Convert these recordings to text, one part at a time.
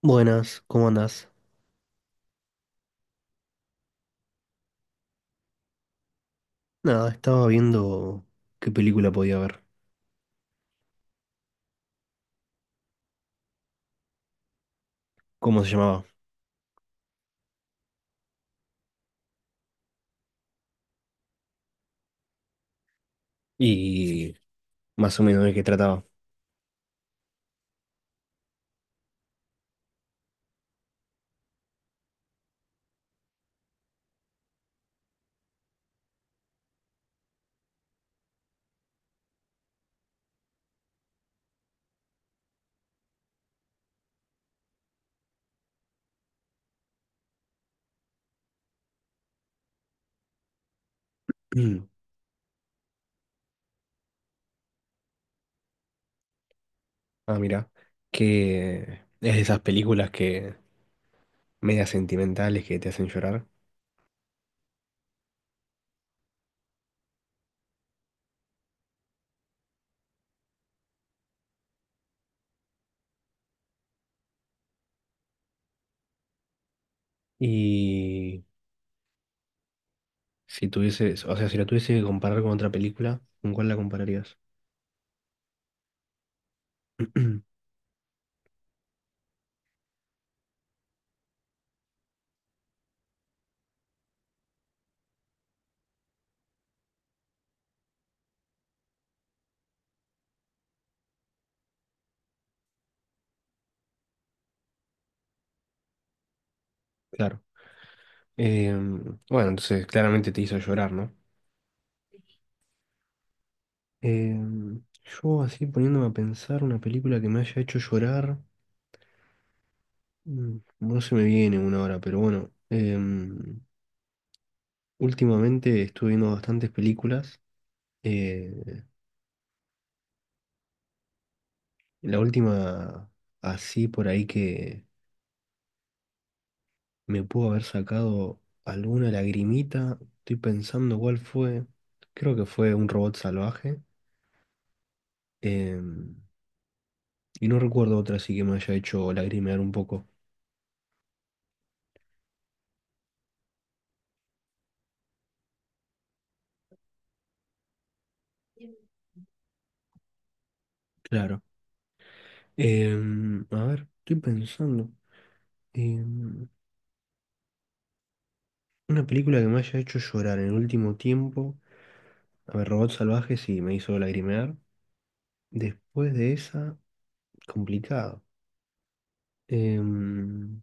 Buenas, ¿cómo andás? Nada, estaba viendo qué película podía ver, cómo se llamaba y más o menos de qué trataba. Mm. Ah, mira, que es de esas películas que medias sentimentales que te hacen llorar. Y si tuvieses, o sea, si la tuviese que comparar con otra película, ¿con cuál la compararías? Claro. Bueno, entonces claramente te hizo llorar, ¿no? Yo así poniéndome a pensar una película que me haya hecho llorar. No se me viene una hora, pero bueno. Últimamente estuve viendo bastantes películas. eh, la última, así por ahí que me pudo haber sacado alguna lagrimita. Estoy pensando cuál fue. Creo que fue Un robot salvaje. em, y no recuerdo otra así que me haya hecho lagrimear un poco. Claro. A ver, estoy pensando. em, Una película que me haya hecho llorar en el último tiempo. A ver, Robot Salvaje sí me hizo lagrimear. Después de esa, complicado. Em,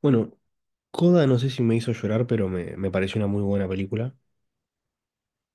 bueno, Coda no sé si me hizo llorar, pero me pareció una muy buena película.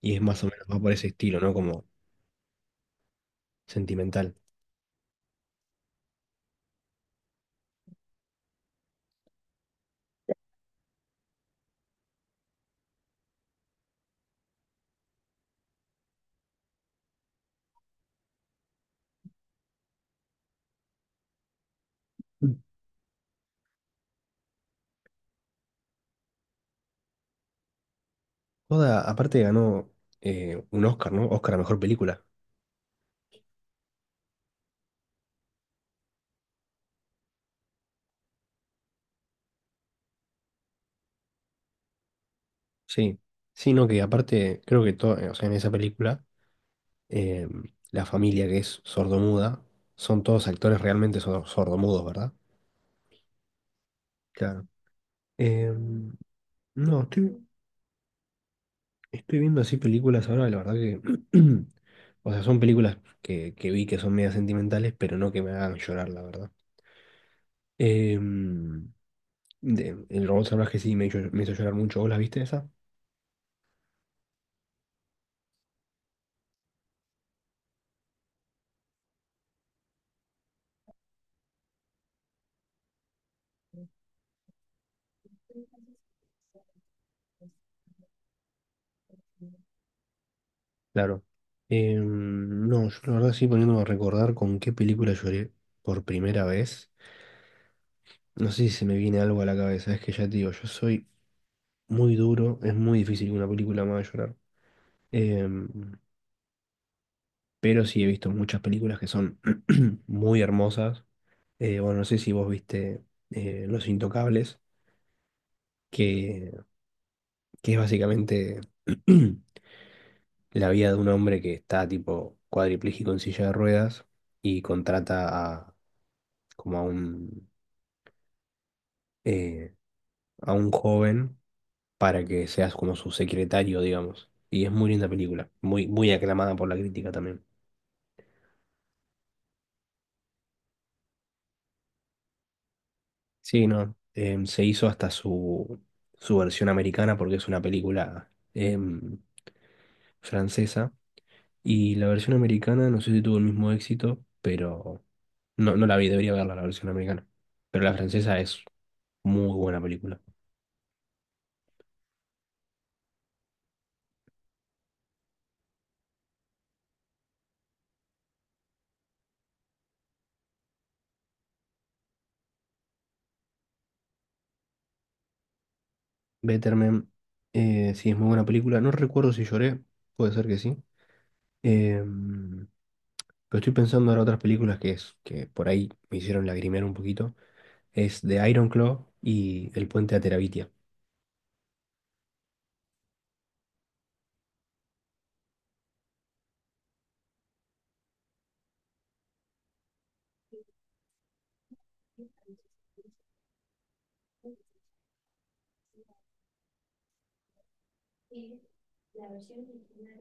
Y es más o menos va por ese estilo, ¿no? Como sentimental. Mm. Coda, aparte, ganó un Oscar, ¿no? Oscar a mejor película. Sí. Sí, no, que aparte, creo que todo, o sea, en esa película. eh, la familia que es sordomuda, son todos actores realmente sordomudos, ¿verdad? Claro. Eh, no, estoy viendo así películas ahora, la verdad que, o sea, son películas que vi que son medio sentimentales, pero no que me hagan llorar, la verdad. Eh, el robot salvaje sí me hizo llorar mucho, ¿vos la viste esa? Claro. No, yo la verdad sí poniéndome a recordar con qué película lloré por primera vez. No sé si se me viene algo a la cabeza, es que ya te digo, yo soy muy duro, es muy difícil que una película me haga llorar. Em, pero sí he visto muchas películas que son muy hermosas. Bueno, no sé si vos viste Los Intocables, que, que es básicamente la vida de un hombre que está tipo cuadripléjico en silla de ruedas y contrata a como eh, a un joven para que seas como su secretario, digamos. Y es muy linda película, muy, muy aclamada por la crítica también. Sí, no, se hizo hasta su versión americana porque es una película francesa. Y la versión americana, no sé si tuvo el mismo éxito, pero no, no la vi, debería verla la versión americana. Pero la francesa es muy buena película. Better Man, sí, es muy buena película. No recuerdo si lloré, puede ser que sí. Eh, Pero estoy pensando en otras películas que, es, que por ahí me hicieron lagrimear un poquito. Es de Ironclaw y El Puente a Terabitia.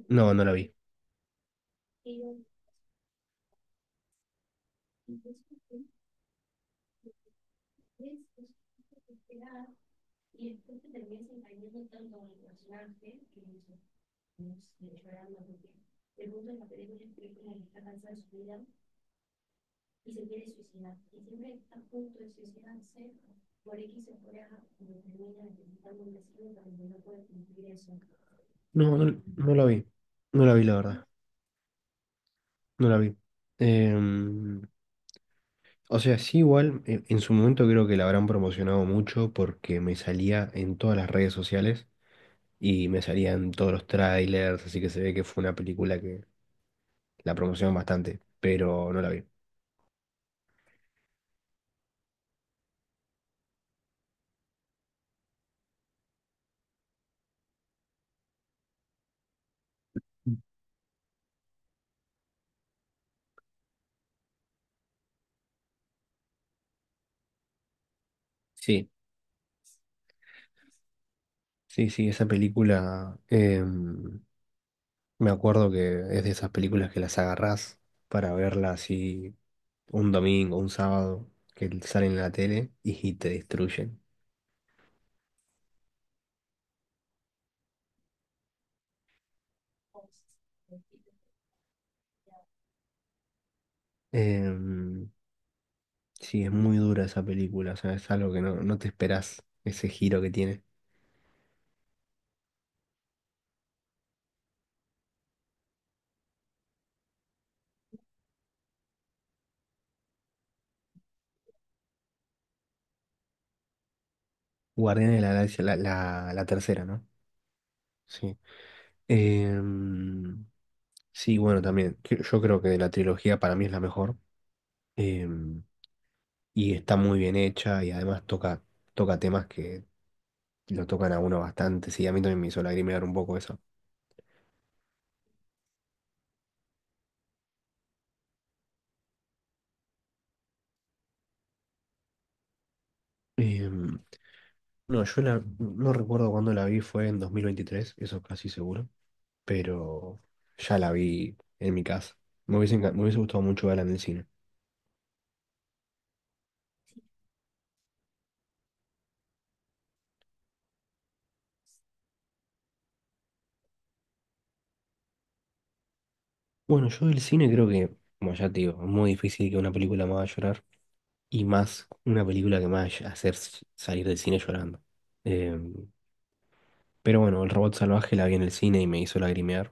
No, no la vi. No, no, no la vi. No la vi, la verdad. No la vi. Em, o sea, sí, igual, en su momento creo que la habrán promocionado mucho porque me salía en todas las redes sociales y me salían todos los trailers, así que se ve que fue una película que la promocionaron bastante, pero no la vi. Sí, sí, sí, esa película. Me acuerdo que es de esas películas que las agarrás para verlas así un domingo, un sábado, que salen en la tele y te destruyen. Em, sí, es muy dura esa película, o sea, es algo que no, no te esperás, ese giro que tiene. Guardianes de la Galaxia, la tercera, ¿no? Sí. Em, sí, bueno, también. Yo creo que de la trilogía para mí es la mejor. em, y está muy bien hecha y además toca, toca temas que lo tocan a uno bastante. Sí, a mí también me hizo lagrimear un poco eso. Em, no, no recuerdo cuándo la vi, fue en 2023, eso casi seguro, pero ya la vi en mi casa. Me hubiese gustado mucho verla en el cine. Bueno, yo del cine creo que, como ya te digo, es muy difícil que una película me haga llorar y más una película que me vaya a hacer salir del cine llorando. Em, pero bueno, El Robot Salvaje la vi en el cine y me hizo lagrimear.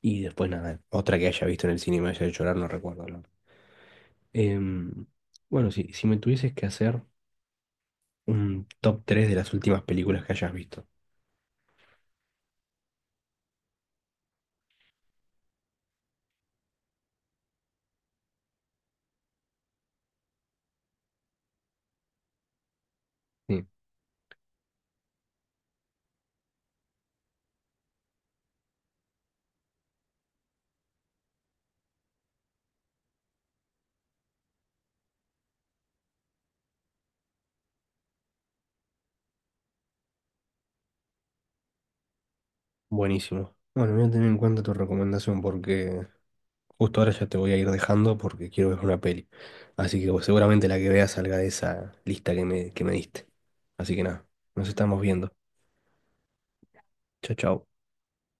Y después nada, otra que haya visto en el cine y me haya hecho llorar, no recuerdo. Em, bueno, si me tuvieses que hacer un top 3 de las últimas películas que hayas visto. Sí, buenísimo. Bueno, voy a tener en cuenta tu recomendación porque justo ahora ya te voy a ir dejando porque quiero ver una peli. Así que bueno, seguramente la que veas salga de esa lista que me diste. Así que nada, nos estamos viendo. Chao, chao.